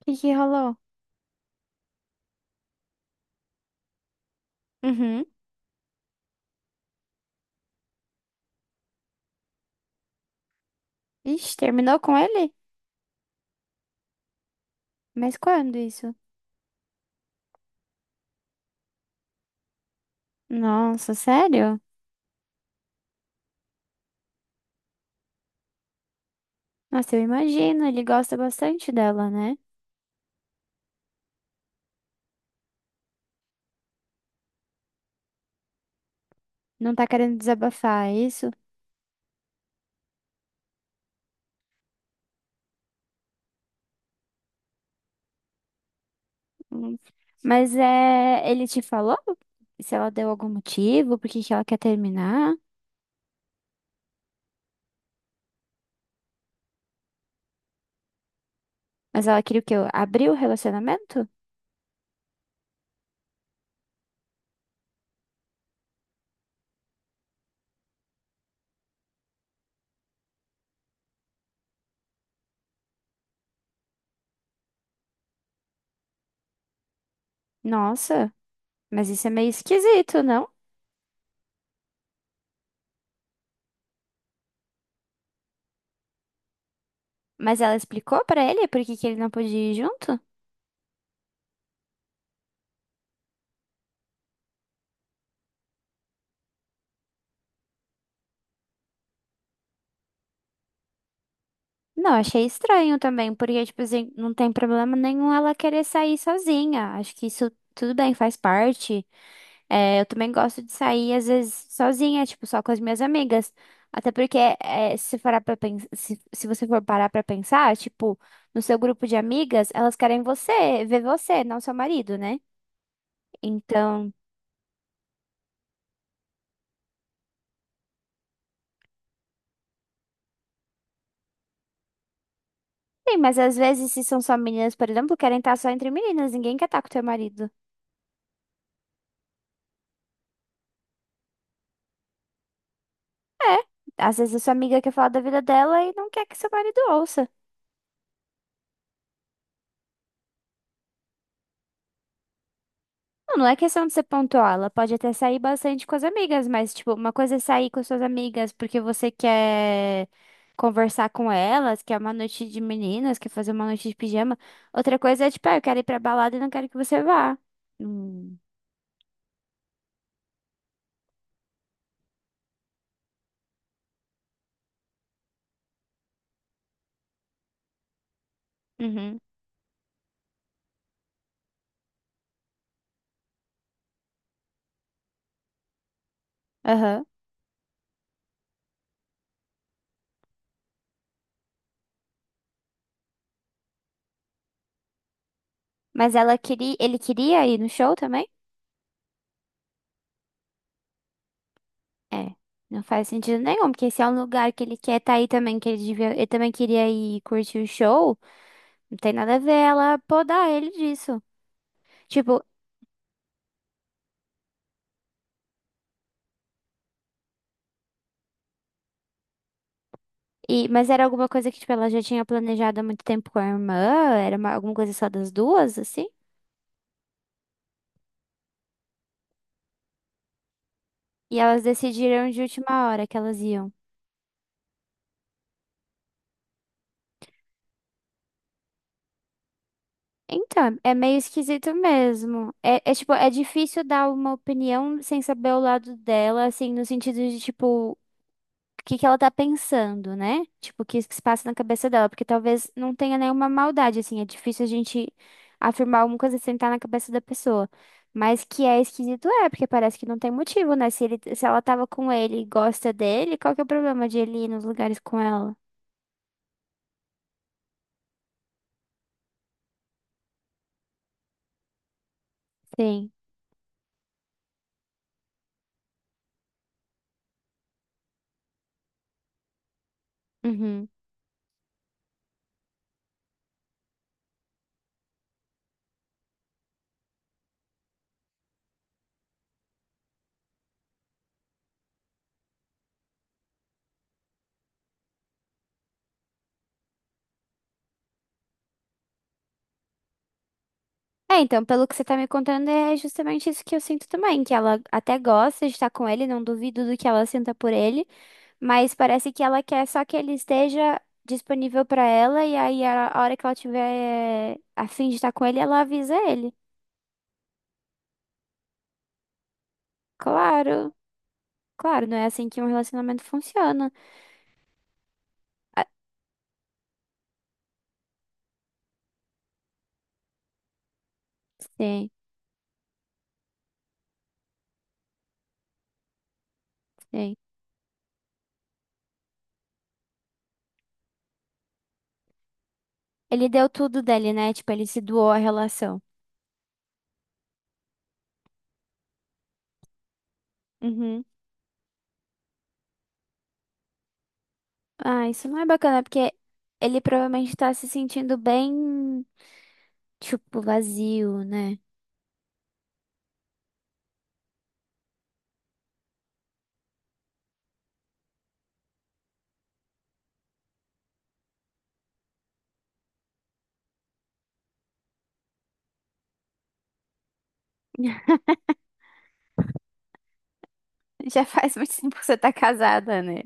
O que que rolou? Uhum. Ixi, terminou com ele? Mas quando isso? Nossa, sério? Nossa, eu imagino, ele gosta bastante dela, né? Não tá querendo desabafar, é isso? Hum. Mas é, ele te falou se ela deu algum motivo, por que que ela quer terminar? Mas ela queria o quê? Abrir o relacionamento? Nossa, mas isso é meio esquisito, não? Mas ela explicou pra ele por que que ele não podia ir junto? Não, achei estranho também, porque, tipo assim, não tem problema nenhum ela querer sair sozinha. Acho que isso tudo bem, faz parte. É, eu também gosto de sair, às vezes, sozinha, tipo, só com as minhas amigas. Até porque, é, se parar pra pensar, se você for parar pra pensar, tipo, no seu grupo de amigas, elas querem você, ver você, não seu marido, né? Então, sim, mas às vezes, se são só meninas, por exemplo, querem estar só entre meninas, ninguém quer estar com teu marido. É, às vezes a sua amiga quer falar da vida dela e não quer que seu marido ouça. Não, não é questão de ser pontuar, ela pode até sair bastante com as amigas, mas, tipo, uma coisa é sair com suas amigas porque você quer conversar com elas, quer uma noite de meninas, quer fazer uma noite de pijama. Outra coisa é, tipo, ah, eu quero ir pra balada e não quero que você vá. Hum. Uhum. Aham. Mas ela queria, ele queria ir no show também? É. Não faz sentido nenhum, porque se é um lugar que ele quer estar aí também, que ele devia, ele também queria ir curtir o show. Não tem nada a ver ela podar ele disso. Tipo, e, mas era alguma coisa que, tipo, ela já tinha planejado há muito tempo com a irmã? Era uma- alguma coisa só das duas, assim? E elas decidiram de última hora que elas iam. Então, é meio esquisito mesmo. É, é, tipo, é difícil dar uma opinião sem saber o lado dela, assim, no sentido de, tipo, que ela tá pensando, né? Tipo, o que que se passa na cabeça dela, porque talvez não tenha nenhuma maldade, assim, é difícil a gente afirmar alguma coisa sem estar na cabeça da pessoa. Mas que é esquisito é, porque parece que não tem motivo, né? Se ele, se ela tava com ele e gosta dele, qual que é o problema de ele ir nos lugares com ela? Sim. Uhum. É, então, pelo que você tá me contando, é justamente isso que eu sinto também, que ela até gosta de estar com ele, não duvido do que ela sinta por ele, mas parece que ela quer só que ele esteja disponível pra ela e aí a hora que ela tiver a fim de estar com ele, ela avisa ele. Claro, claro, não é assim que um relacionamento funciona. Ah, sim, sim. Ele deu tudo dele, né? Tipo, ele se doou à relação. Uhum. Ah, isso não é bacana, porque ele provavelmente tá se sentindo bem, tipo, vazio, né? Já faz muito tempo que você tá casada, né?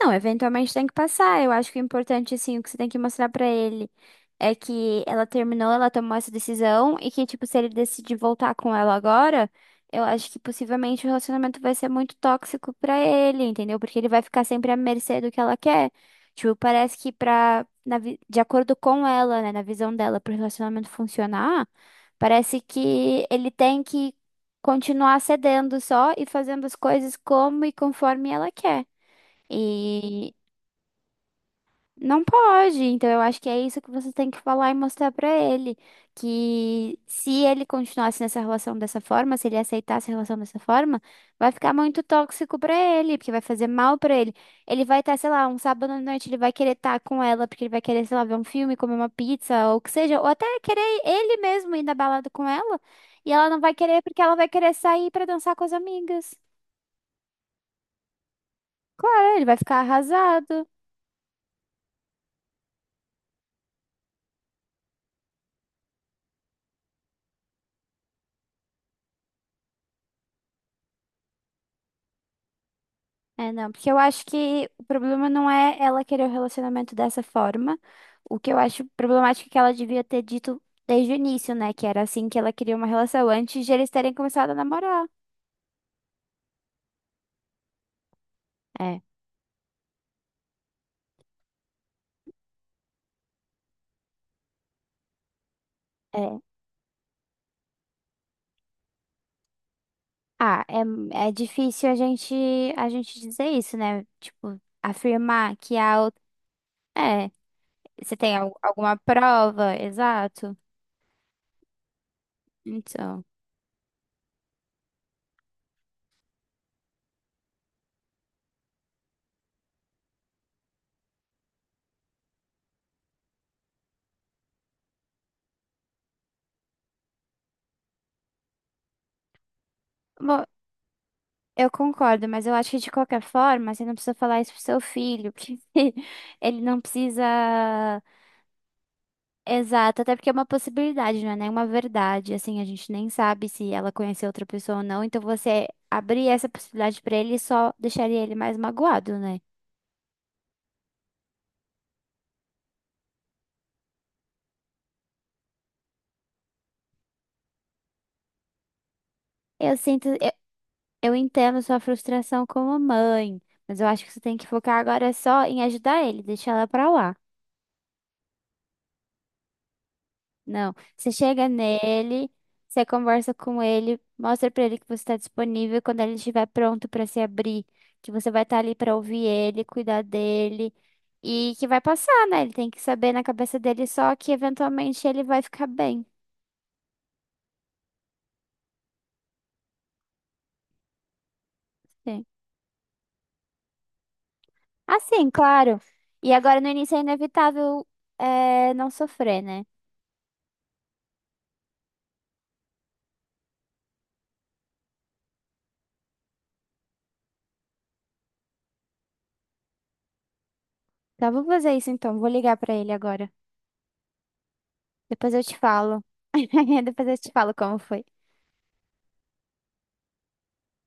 Não, eventualmente tem que passar. Eu acho que o importante, assim, o que você tem que mostrar pra ele é que ela terminou, ela tomou essa decisão e que, tipo, se ele decidir voltar com ela agora, eu acho que possivelmente o relacionamento vai ser muito tóxico pra ele, entendeu? Porque ele vai ficar sempre à mercê do que ela quer. Tipo, parece que pra, na vi- de acordo com ela, né, na visão dela, pro relacionamento funcionar, parece que ele tem que continuar cedendo só e fazendo as coisas como e conforme ela quer. E não pode, então eu acho que é isso que você tem que falar e mostrar pra ele, que se ele continuasse nessa relação dessa forma, se ele aceitasse a relação dessa forma, vai ficar muito tóxico pra ele, porque vai fazer mal pra ele. Ele vai estar, sei lá, um sábado à noite, ele vai querer estar com ela, porque ele vai querer, sei lá, ver um filme, comer uma pizza, ou o que seja, ou até querer ele mesmo ir na balada com ela, e ela não vai querer porque ela vai querer sair pra dançar com as amigas. Claro, ele vai ficar arrasado. É, não, porque eu acho que o problema não é ela querer o relacionamento dessa forma. O que eu acho problemático é que ela devia ter dito desde o início, né? Que era assim que ela queria uma relação, antes de eles terem começado a namorar. É, é. Ah, é, é difícil a gente dizer isso, né? Tipo, afirmar que a outra. É, você tem al- alguma prova? Exato. Então. Bom. Eu concordo, mas eu acho que de qualquer forma, você não precisa falar isso pro seu filho, porque ele não precisa. Exato, até porque é uma possibilidade, não é nenhuma verdade. Assim, a gente nem sabe se ela conheceu outra pessoa ou não, então você abrir essa possibilidade pra ele só deixaria ele mais magoado, né? Eu sinto, eu entendo sua frustração como mãe, mas eu acho que você tem que focar agora só em ajudar ele, deixar ela pra lá. Não. Você chega nele, você conversa com ele, mostra pra ele que você está disponível quando ele estiver pronto pra se abrir, que você vai estar ali pra ouvir ele, cuidar dele e que vai passar, né? Ele tem que saber na cabeça dele só que eventualmente ele vai ficar bem. Sim. Assim, claro. E agora no início é inevitável, é, não sofrer, né? Tá, vou fazer isso então. Vou ligar pra ele agora. Depois eu te falo. Depois eu te falo como foi.